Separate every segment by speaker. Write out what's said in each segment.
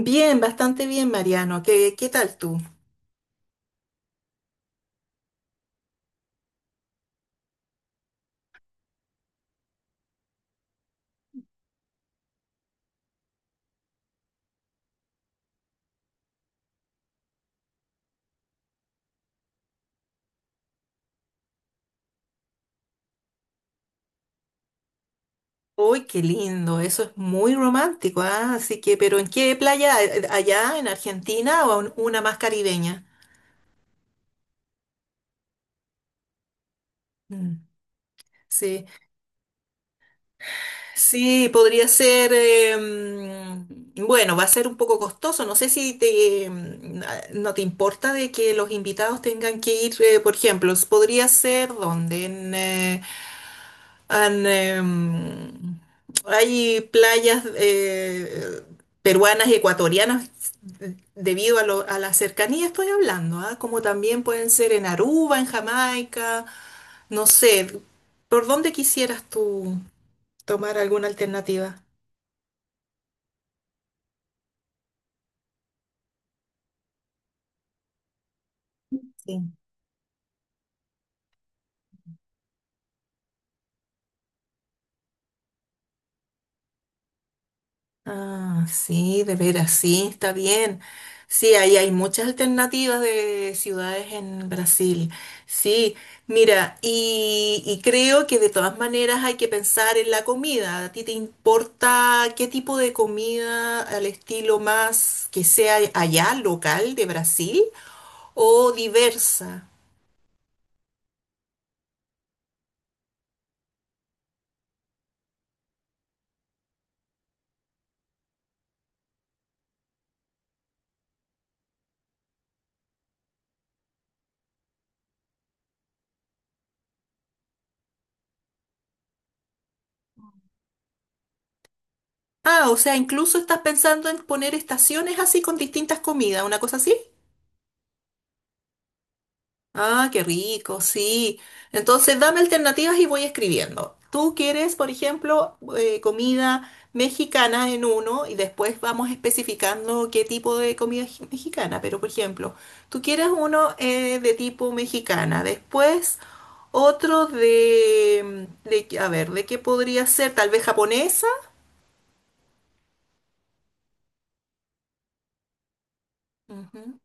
Speaker 1: Bien, bastante bien, Mariano. ¿Qué tal tú? Uy, qué lindo, eso es muy romántico, ¿ah? Así que, pero ¿en qué playa? ¿Allá en Argentina o en una más caribeña? Mm. Sí, sí, podría ser, bueno, va a ser un poco costoso. No sé si te, no te importa de que los invitados tengan que ir, por ejemplo, podría ser donde Han, em, hay playas peruanas y ecuatorianas debido a, a la cercanía estoy hablando, ¿ah? Como también pueden ser en Aruba, en Jamaica, no sé, ¿por dónde quisieras tú tomar alguna alternativa? Sí. Ah, sí, de veras, sí, está bien. Sí, ahí hay muchas alternativas de ciudades en Brasil. Sí, mira, y creo que de todas maneras hay que pensar en la comida. ¿A ti te importa qué tipo de comida al estilo más que sea allá, local de Brasil o diversa? Ah, o sea, incluso estás pensando en poner estaciones así con distintas comidas, una cosa así. Ah, qué rico, sí. Entonces, dame alternativas y voy escribiendo. Tú quieres, por ejemplo, comida mexicana en uno y después vamos especificando qué tipo de comida mexicana. Pero, por ejemplo, tú quieres uno de tipo mexicana, después otro a ver, ¿de qué podría ser? Tal vez japonesa. Ujú.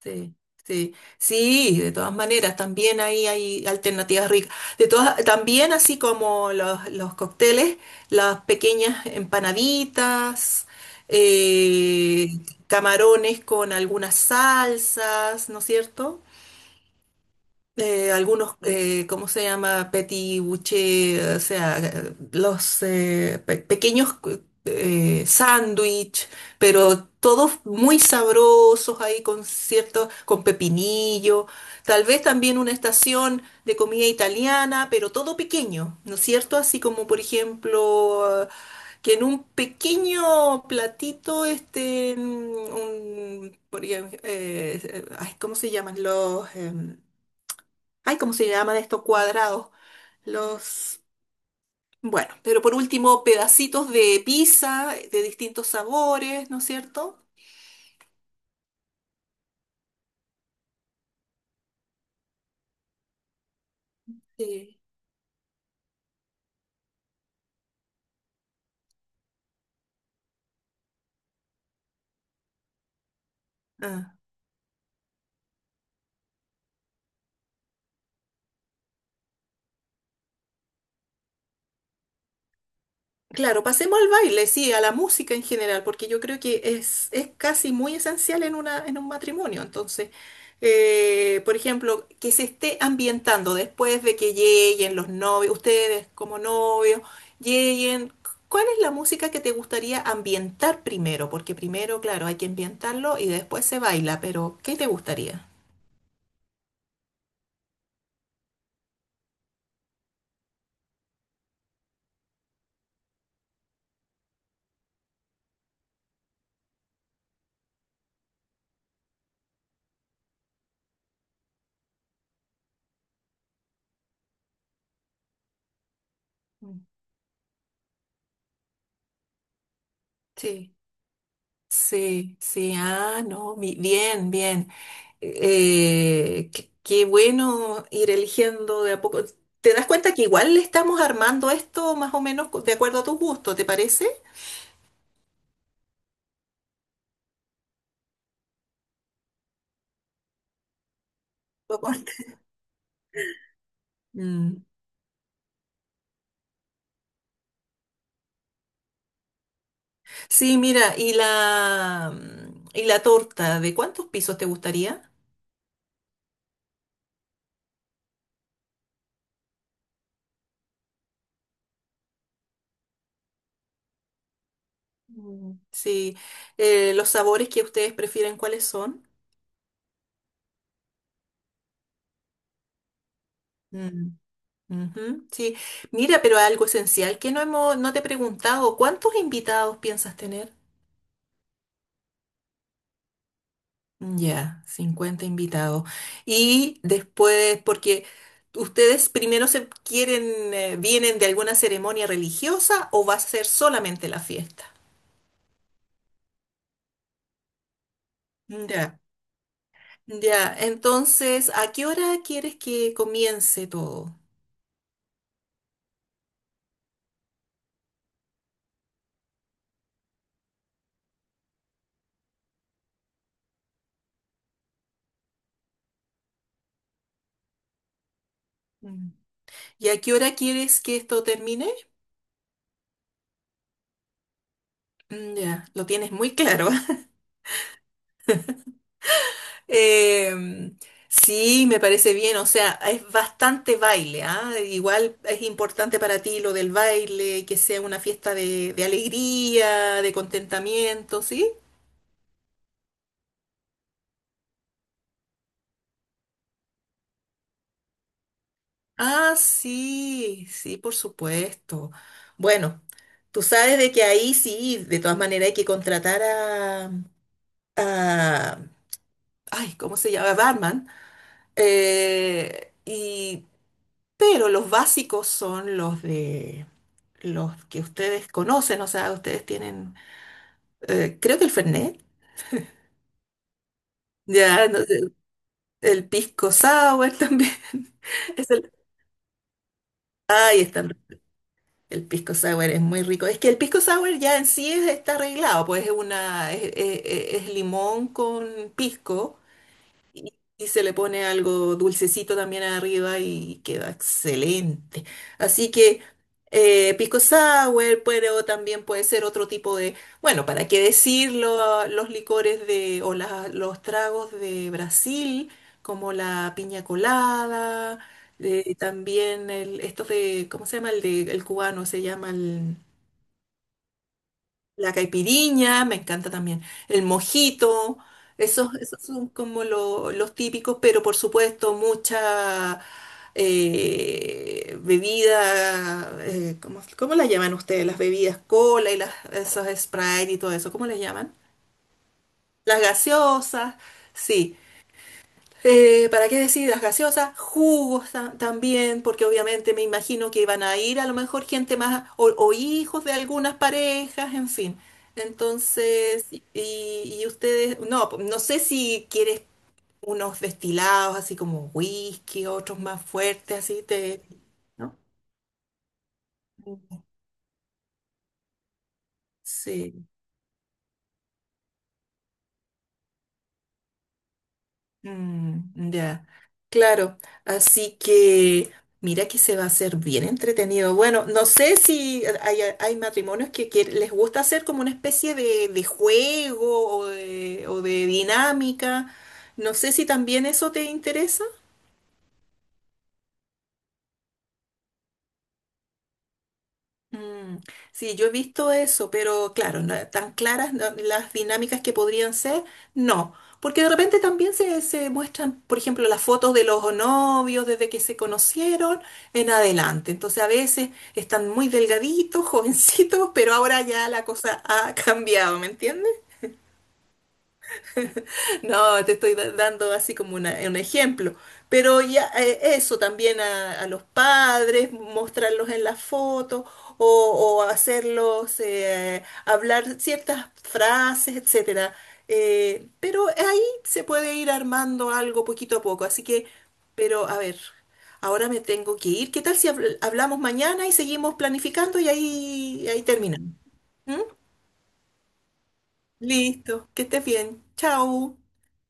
Speaker 1: Sí, sí, sí, de todas maneras, también ahí hay alternativas ricas. De todas, también así como los cócteles, las pequeñas empanaditas, eh, camarones con algunas salsas, ¿no es cierto? Algunos, ¿cómo se llama? Petit bouché, o sea, los pequeños sándwich, pero todos muy sabrosos ahí con cierto, con pepinillo, tal vez también una estación de comida italiana, pero todo pequeño, ¿no es cierto? Así como, por ejemplo, que en un pequeño platito este, un, por ejemplo, ay, ¿cómo se llaman los? Ay, ¿cómo se llaman estos cuadrados? Los, bueno, pero por último, pedacitos de pizza de distintos sabores, ¿no es cierto? Sí. Claro, pasemos al baile, sí, a la música en general, porque yo creo que es casi muy esencial en una, en un matrimonio. Entonces, por ejemplo, que se esté ambientando después de que lleguen los novios, ustedes como novios, lleguen. ¿Cuál es la música que te gustaría ambientar primero? Porque primero, claro, hay que ambientarlo y después se baila, pero ¿qué te gustaría? Mm. Sí. Sí, sí, ah, no, bien, bien. Qué, qué bueno ir eligiendo de a poco. ¿Te das cuenta que igual le estamos armando esto más o menos de acuerdo a tus gustos, ¿te parece? Tu aporte. Mm. Sí, mira, y la torta, ¿de cuántos pisos te gustaría? Mm. Sí, los sabores que ustedes prefieren, ¿cuáles son? Mm, ujú. Sí, mira, pero algo esencial que no hemos, no te he preguntado, ¿cuántos invitados piensas tener? Ya, 50 invitados. Y después, porque ustedes primero se quieren, vienen de alguna ceremonia religiosa o va a ser solamente la fiesta. Ya, ya. Entonces, ¿a qué hora quieres que comience todo? Mm. ¿Y a qué hora quieres que esto termine? Mm. Ya, lo tienes muy claro. Eh, sí, me parece bien, o sea, es bastante baile, ¿ah? Igual es importante para ti lo del baile, que sea una fiesta de alegría, de contentamiento, ¿sí? Ah, sí, sí, por supuesto. Bueno, tú sabes de que ahí sí, de todas maneras hay que contratar a, a- ay, ¿cómo se llama? Barman. Y pero los básicos son los de los que ustedes conocen, o sea, ustedes tienen, creo que el Fernet, ya, no sé, el pisco sour también. Es el, ay, el pisco sour es muy rico. Es que el pisco sour ya en sí está arreglado, pues es una, es limón con pisco. Y se le pone algo dulcecito también arriba y queda excelente. Así que pisco sour, pero también puede ser otro tipo de, bueno, ¿para qué decirlo? Los licores de, o los tragos de Brasil, como la piña colada, también el, estos de, ¿cómo se llama? El de, el cubano, se llama la caipiriña, me encanta también. El mojito, esos, esos son como los típicos, pero por supuesto mucha bebida, ¿cómo, cómo la llaman ustedes? Las bebidas cola y las, esos Sprite y todo eso, ¿cómo les llaman? Las gaseosas, sí. ¿Para qué decir las gaseosas? Jugos también, porque obviamente me imagino que iban a ir a lo mejor gente más o hijos de algunas parejas, en fin. Entonces, y ustedes, no, no sé si quieres unos destilados así como whisky, otros más fuertes, así te... ¿no? Sí. Mm, ya, claro. Así que mira que se va a hacer bien entretenido. Bueno, no sé si hay, hay matrimonios que les gusta hacer como una especie de juego o de dinámica. No sé si también eso te interesa. Mm, sí, yo he visto eso, pero claro, tan claras las dinámicas que podrían ser, no. Porque de repente también se muestran, por ejemplo, las fotos de los novios desde que se conocieron en adelante. Entonces a veces están muy delgaditos, jovencitos, pero ahora ya la cosa ha cambiado, ¿me entiendes? No, te estoy dando así como un ejemplo. Pero ya eso también a los padres, mostrarlos en la foto o, o hacerlos hablar ciertas frases, etcétera. Pero ahí se puede ir armando algo poquito a poco. Así que, pero a ver, ahora me tengo que ir. ¿Qué tal si hablamos mañana y seguimos planificando y ahí, ahí terminamos? ¿Mm? Listo, que estés bien. Chao.